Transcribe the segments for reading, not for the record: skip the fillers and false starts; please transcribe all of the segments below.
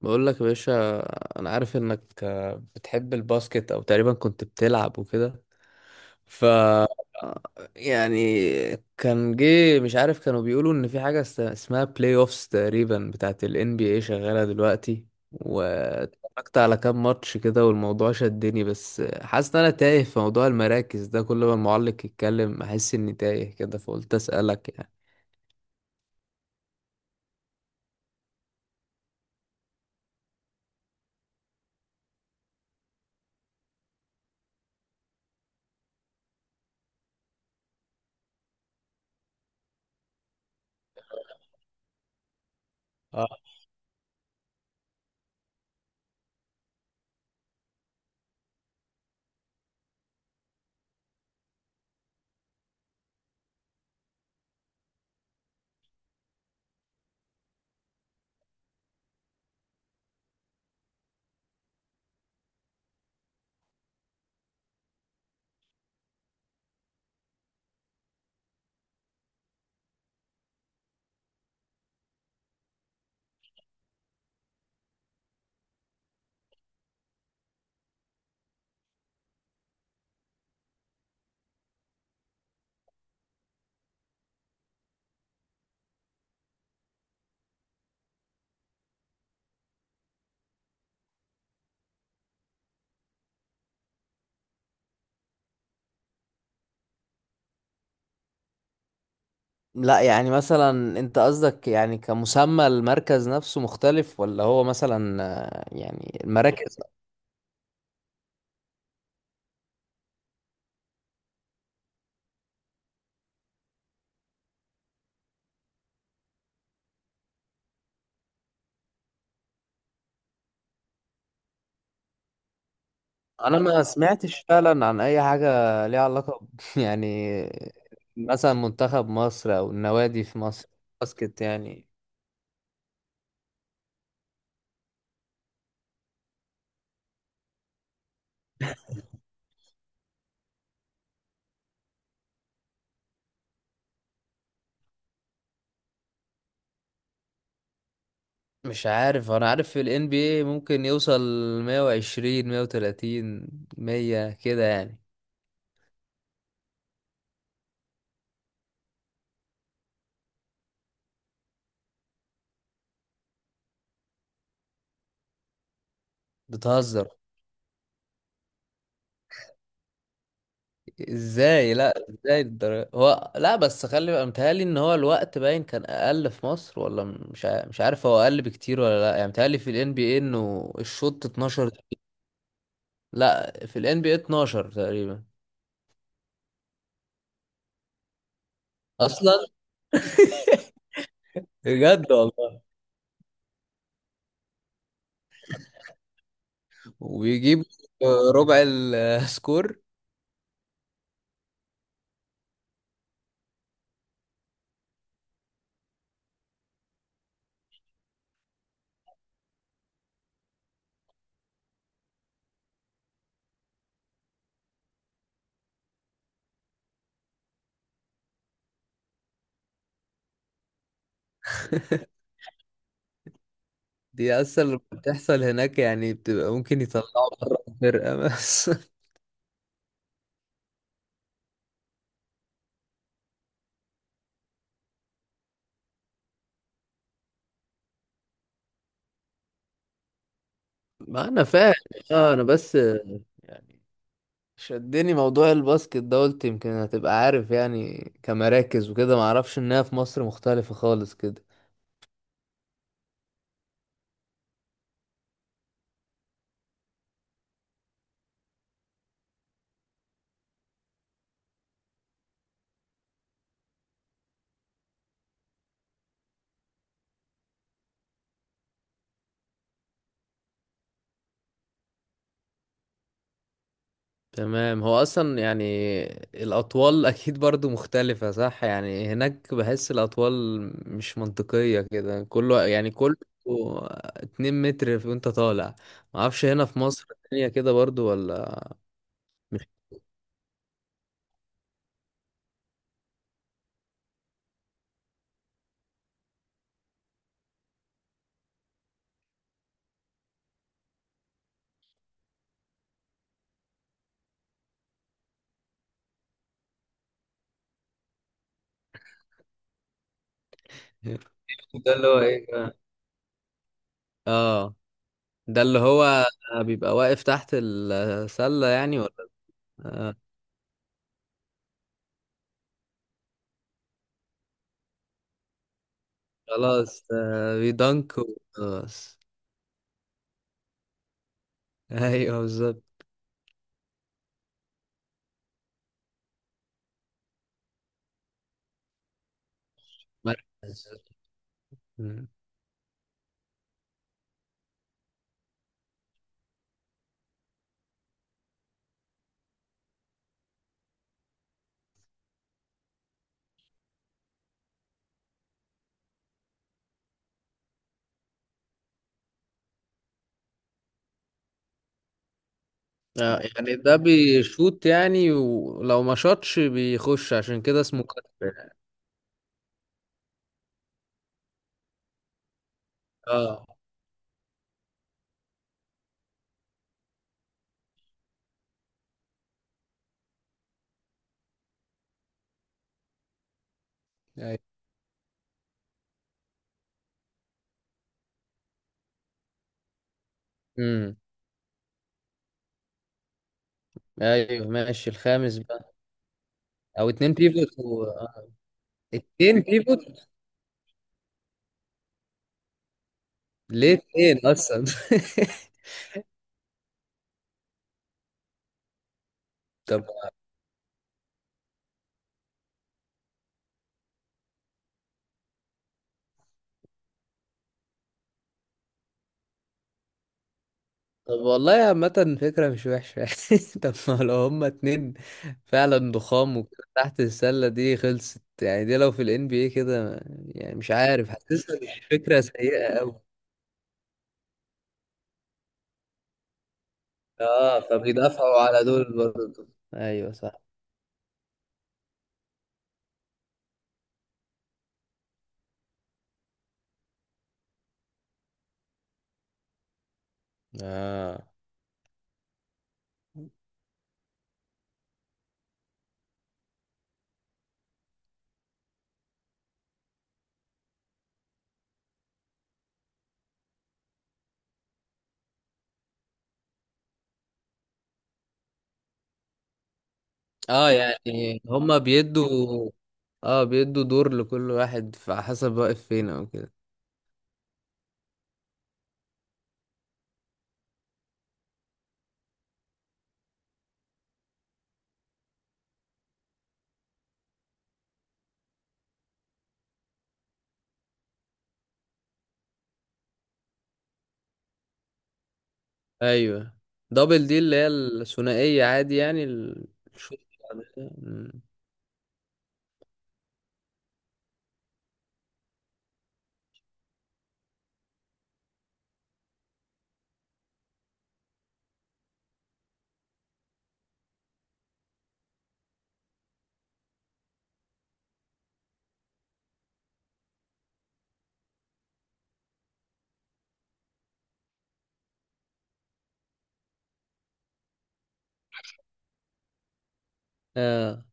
بقول لك يا باشا، انا عارف انك بتحب الباسكت او تقريبا كنت بتلعب وكده. ف يعني كان جه، مش عارف، كانوا بيقولوا ان في حاجة اسمها بلاي اوفس تقريبا بتاعت ال NBA شغالة دلوقتي، واتفرجت على كام ماتش كده والموضوع شدني، بس حاسس ان انا تايه في موضوع المراكز ده. كل ما المعلق يتكلم احس اني تايه كده، فقلت اسألك يعني. لا يعني، مثلا انت قصدك يعني كمسمى المركز نفسه مختلف، ولا هو مثلا يعني المراكز. انا ما سمعتش فعلا عن اي حاجة ليها علاقة يعني، مثلا منتخب مصر او النوادي في مصر، باسكت يعني. مش عارف، انا عارف في ال NBA ممكن يوصل 120 130 100 كده يعني. بتهزر؟ ازاي، لا، ازاي الدرجة. هو لا بس خلي بقى متهيألي ان هو الوقت باين كان اقل في مصر، ولا مش عارف هو اقل بكتير ولا لا. يعني متهيألي في الان بي اي انه الشوط 12. لا، في الان بي اي 12 تقريبا، اصلا بجد والله. وبيجيب ربع السكور دي اصلا لما بتحصل هناك يعني بتبقى ممكن يطلعوا بره الفرقة بس ما انا فاهم. اه، انا بس يعني شدني موضوع الباسكت ده، قلت يمكن هتبقى عارف يعني كمراكز وكده، معرفش انها في مصر مختلفة خالص كده. تمام، هو اصلا يعني الاطوال اكيد برضو مختلفة، صح؟ يعني هناك بحس الاطوال مش منطقية كده، كله يعني، كله 2 متر وانت طالع. معرفش هنا في مصر الدنيا كده برضو ولا مش ده اللي هو ايه بقى؟ اه، ده اللي هو بيبقى واقف تحت السلة يعني، ولا؟ خلاص بيدنك وخلاص. ايوه بالظبط، مركز. مم. يعني ده بيشوط يعني، ولو ما شاطش بيخش، عشان كده اسمه كتر يعني. اه. ايوه. امم. ايوه ماشي، الخامس بقى. او اتنين بيفوت و... آه. اتنين بيفوت، ليه اتنين اصلا؟ طب طب والله، عامة فكرة مش وحشة يعني. طب ما لو هما اتنين فعلا ضخام وكده تحت السلة دي خلصت يعني، دي لو في ال NBA كده يعني، مش عارف، حاسسها مش فكرة سيئة أوي. اه، فبيدافعوا على دول برضه. ايوه صح. اه اه. يعني هما بيدوا، اه، بيدوا دور لكل واحد فحسب واقف فين او كده. ايوه. دبل دي اللي هي الثنائية عادي يعني الشوط بعد كده. مم. آه.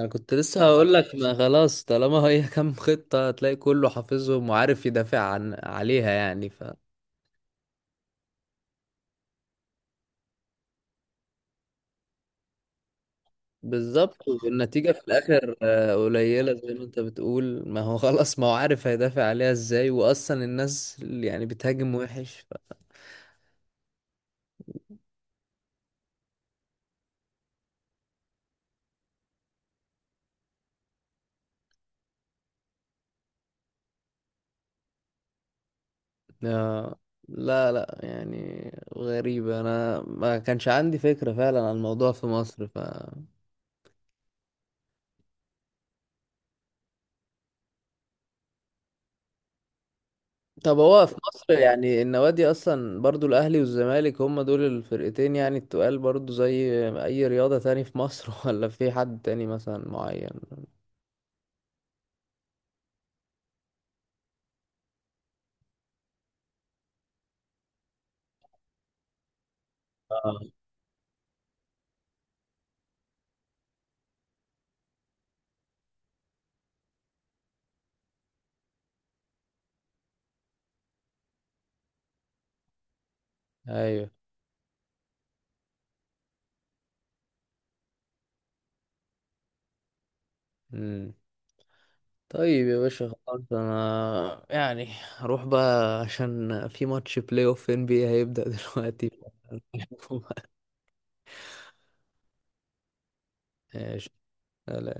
انا كنت لسه هقول لك، ما خلاص طالما هي كام خطة، هتلاقي كله حافظهم وعارف يدافع عن عليها يعني بالظبط، والنتيجة في الاخر قليلة، زي ما انت بتقول، ما هو خلاص، ما هو عارف هيدافع عليها ازاي، واصلا الناس اللي يعني بتهاجم وحش آه، لا لا يعني غريبة، انا ما كانش عندي فكرة فعلا عن الموضوع في مصر طب هو في مصر يعني النوادي اصلا برضو، الاهلي والزمالك هم دول الفرقتين يعني التقال برضو زي اي رياضة تاني في مصر ولا في حد تاني مثلا معين؟ آه. ايوه. امم. طيب يا باشا خلاص، انا يعني هروح بقى عشان في ماتش بلاي اوف ان بي هيبدأ دلوقتي ماشي. سلام.